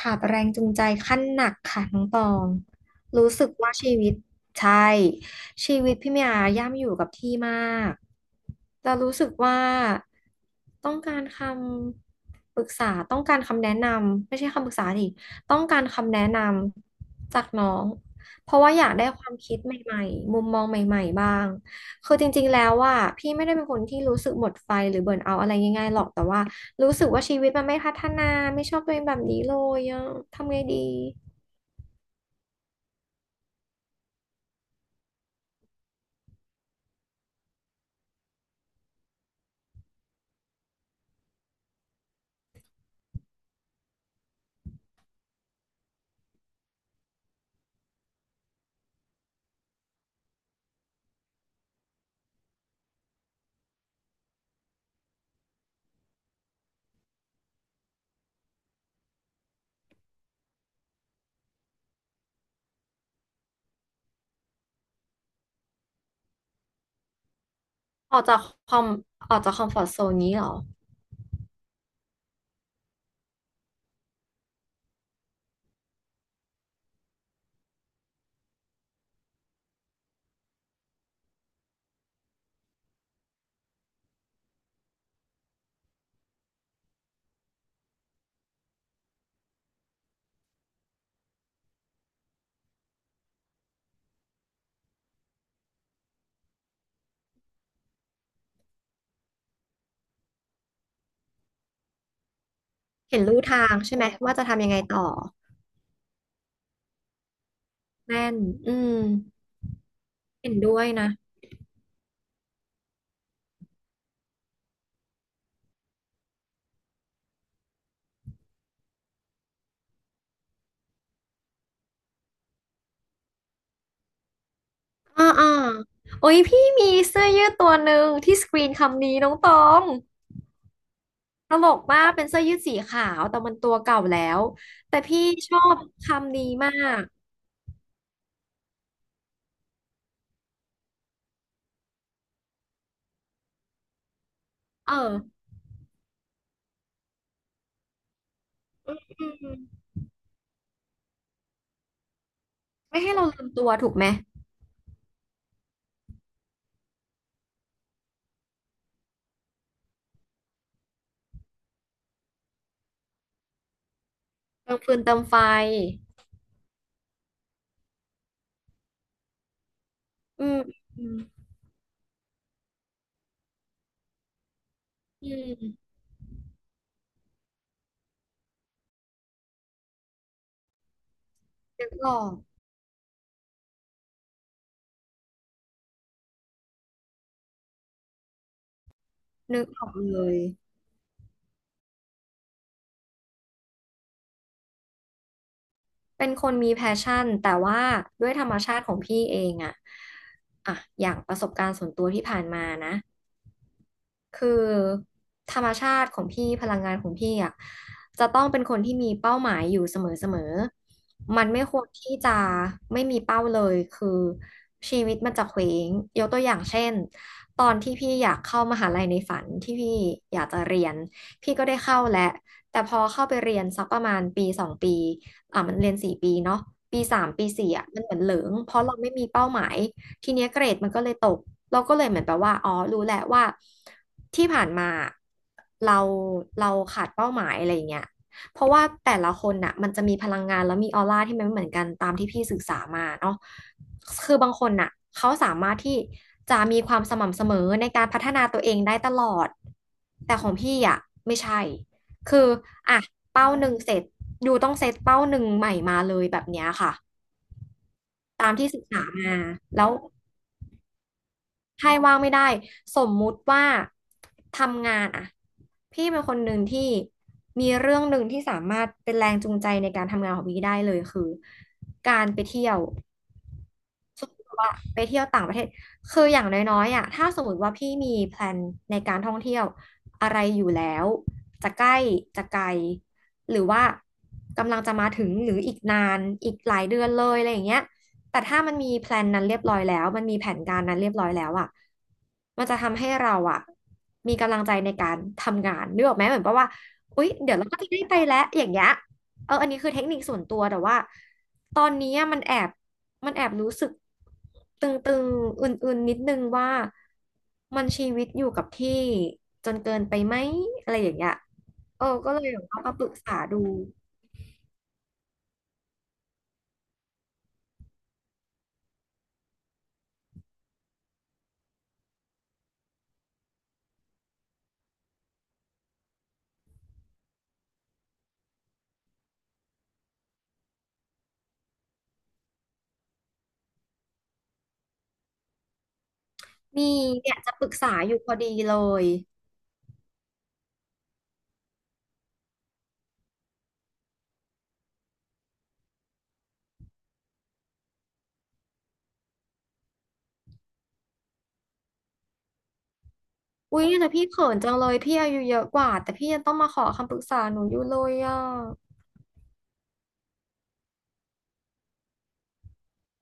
ขาดแรงจูงใจขั้นหนักค่ะน้องตองรู้สึกว่าชีวิตใช่ชีวิตพี่เมียย่ำอยู่กับที่มากแต่รู้สึกว่าต้องการคำปรึกษาต้องการคำแนะนำไม่ใช่คำปรึกษาดิต้องการคำแนะนำจากน้องเพราะว่าอยากได้ความคิดใหม่ๆมุมมองใหม่ๆบ้างคือจริงๆแล้วว่าพี่ไม่ได้เป็นคนที่รู้สึกหมดไฟหรือเบิร์นเอาท์อะไรง่ายๆหรอกแต่ว่า รู้สึกว่าชีวิตมันไม่พัฒนาไม่ชอบตัวเองแบบนี้เลยอะทำไงดีออกจากคอมออกจากคอมฟอร์ z โซนนี้เหรอเห็นรู้ทางใช่ไหมว่าจะทำยังไงต่อแม่นอืมเห็นด้วยนะอ่าอ่าโอ้ยพี่มีเสื้อยืดตัวหนึ่งที่สกรีนคำนี้น้องตองตลกมากเป็นเสื้อยืดสีขาวแต่มันตัวเก่าแล้วแต่พี่ชอบคำนี้มากเอออืมไม่ให้เราลืมตัวถูกไหมเติมฟืนเติมไฟอืมอืมอืม นึกออก นึกออกเลย เป็นคนมีแพชชั่น แต่ว่าด้วยธรรมชาติของพี่เองอะอะอย่างประสบการณ์ส่วนตัวที่ผ่านมานะ คือธรรมชาติของพี่พลังงานของพี่อ่ะจะต้องเป็นคนที่มีเป้าหมายอยู่เสมอมันไม่ควรที่จะไม่มีเป้าเลยคือชีวิตมันจะเคว้งยกตัวอย่างเช่นตอนที่พี่อยากเข้ามหาลัยในฝันที่พี่อยากจะเรียนพี่ก็ได้เข้าแหละแต่พอเข้าไปเรียนสักประมาณปีสองปีอ่ะมันเรียนสี่ปีเนาะปีสามปีสี่อ่ะมันเหมือนเหลิงเพราะเราไม่มีเป้าหมาย ทีเนี้ยเกรดมันก็เลยตกเราก็เลยเหมือนแบบว่าอ๋อรู้แหละว่าที่ผ่านมาเราเราขาดเป้าหมายอะไรอย่างเงี้ยเพราะว่าแต่ละคนน่ะมันจะมีพลังงานแล้วมีออร่าที่มันไม่เหมือนกันตามที่พี่ศึกษามาเนาะคือบางคนน่ะเขาสามารถที่จะมีความสม่ำเสมอในการพัฒนาตัวเองได้ตลอดแต่ของพี่อ่ะไม่ใช่คืออ่ะเป้าหนึ่งเสร็จอยู่ต้องเซตเป้าหนึ่งใหม่มาเลยแบบเนี้ยค่ะตามที่ศึกษามาแล้ว ใช่ว่างไม่ได้สมมุติว่าทำงานอะพี่เป็นคนหนึ่งที่มีเรื่องหนึ่งที่สามารถเป็นแรงจูงใจในการทำงานของพี่ได้เลยคือการไปเที่ยว สมมติว่าไปเที่ยวต่างประเทศคืออย่างน้อยๆอ่ะถ้าสมมติว่าพี่มีแพลนในการท่องเที่ยวอะไรอยู่แล้วจะใกล้จะไกลหรือว่ากำลังจะมาถึงหรืออีกนานอีกหลายเดือนเลยอะไรอย่างเงี้ยแต่ถ้ามันมีแพลนนั้นเรียบร้อยแล้วมันมีแผนการนั้นเรียบร้อยแล้วอ่ะมันจะทำให้เราอ่ะมีกำลังใจในการทำงานนึกออกไหมเหมือนแับว่าอุ๊ยเดี๋ยวเราก็จะได้ไปแล้วอย่างเงี้ยเอออันนี้คือเทคนิคส่วนตัวแต่ว่าตอนนี้มันแอบ มันแอบรู้สึกตึงๆอื่นๆ นิดนึงว่ามันชีวิตอยู่กับที่จนเกินไปไหมอะไรอย่างเงี้ยโอ้ก็เลยแบบว่ามาปรึกษาดูมีเนี่ยจะปรึกษาอยู่พอดีเลยอุ๊ยแต่พี่เขินจังเลยพี่อายุเยอะกว่าแต่พี่ยังต้องมาขอคำปรึกษาหนูอยู่เลยอ่ะ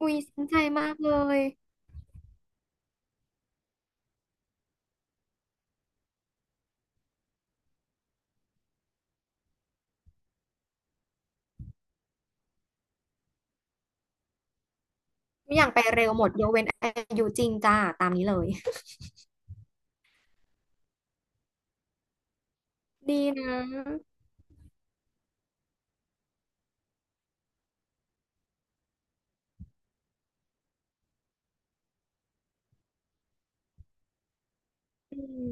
อุ๊ยสนใจมากเลยทุกอย่างไปเร็วหมดยกเว้นอายุจริงจ้าตามนี้เลยดีนะอืม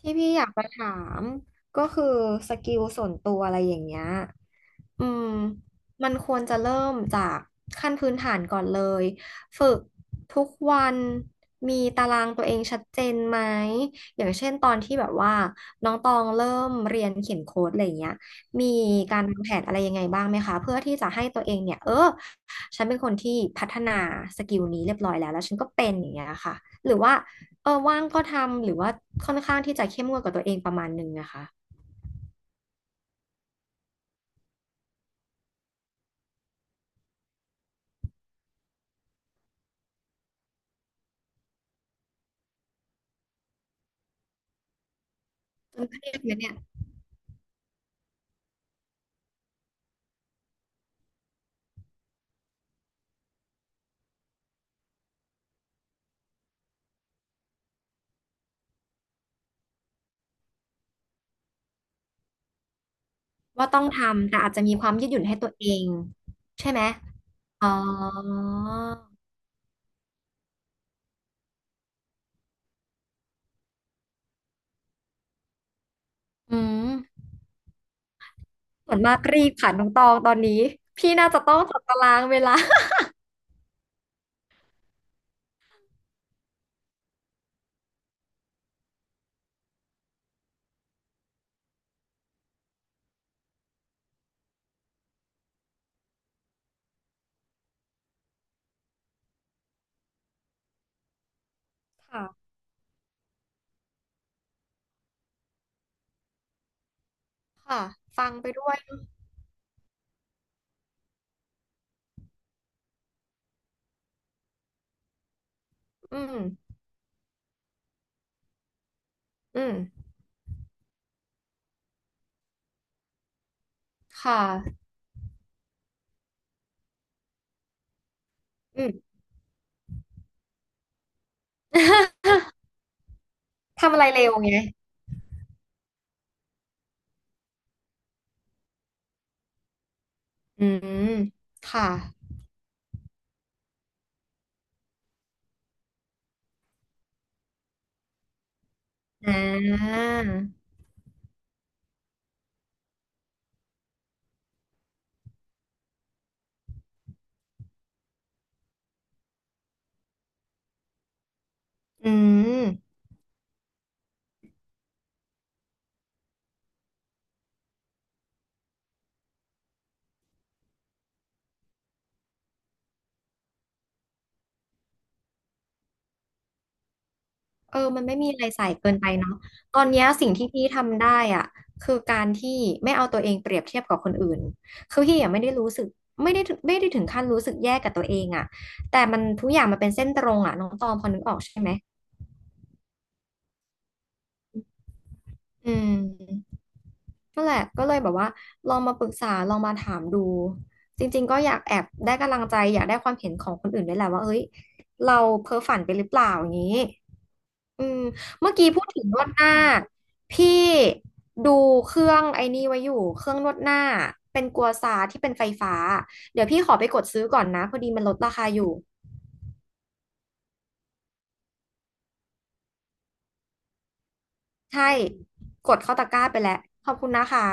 ที่พี่อยากมาถามก็คือสกิลส่วนตัวอะไรอย่างเงี้ยอืมมันควรจะเริ่มจากขั้นพื้นฐานก่อนเลยฝึกทุกวันมีตารางตัวเองชัดเจนไหมอย่างเช่นตอนที่แบบว่าน้องตองเริ่มเรียนเขียนโค้ดอะไรอย่างเงี้ยมีการวางแผนอะไรยังไงบ้างไหมคะเพื่อที่จะให้ตัวเองเนี่ยฉันเป็นคนที่พัฒนาสกิลนี้เรียบร้อยแล้วแล้วฉันก็เป็นอย่างเงี้ยค่ะหรือว่า เออว่างก็ทำหรือว่าค่อนข้างที่จะเข้มงวดกับตัวเองประมาณหนึ่งนะคะจนเครียดไหมเนี่ยว่าต้องทำแต่อาจจะมีความยืดหยุ่นให้ตัวเองใช่ไหมอ๋ออืมส่วนมากรีบค่ะน้องตองตอนนี้พี่น่าจะต้องจัดตารางเวลาค่ะค่ะฟังไปด้วยอืมอืมค่ะอืม ทำอะไรเร็วไงอืมค่ะอ่าอืม เออมันไม่มีอะไรใส่เกินไปเนาะตอนเนี้ยสิ่งที่พี่ทำได้อ่ะคือการที่ไม่เอาตัวเองเปรียบเทียบกับคนอื่นคือพี่ยังไม่ได้รู้สึกไม่ได้ถึงขั้นรู้สึกแย่กับตัวเองอ่ะแต่มันทุกอย่างมันเป็นเส้นตรงอ่ะน้องตอมพอนึกออกใช่ไหมอืม นั่นแหละก็เลยแบบว่าลองมาปรึกษาลองมาถามดู จริงๆก็อยากแอบได้กำลังใจอยากได้ความเห็นของคนอื่นด้วยแหละว่าเฮ้ยเราเพ้อฝันไปหรือเปล่าอย่างนี้อืมเมื่อกี้พูดถึงนวดหน้า พี่ดูเครื่องไอ้นี่ไว้อยู่เครื่องนวดหน้าเป็นกัวซาที่เป็นไฟฟ้า เดี๋ยวพี่ขอไปกดซื้อก่อนนะพอดีมันลดราคาอยู่ใช่ กดเข้าตะกร้าไปแล้วขอบคุณนะคะ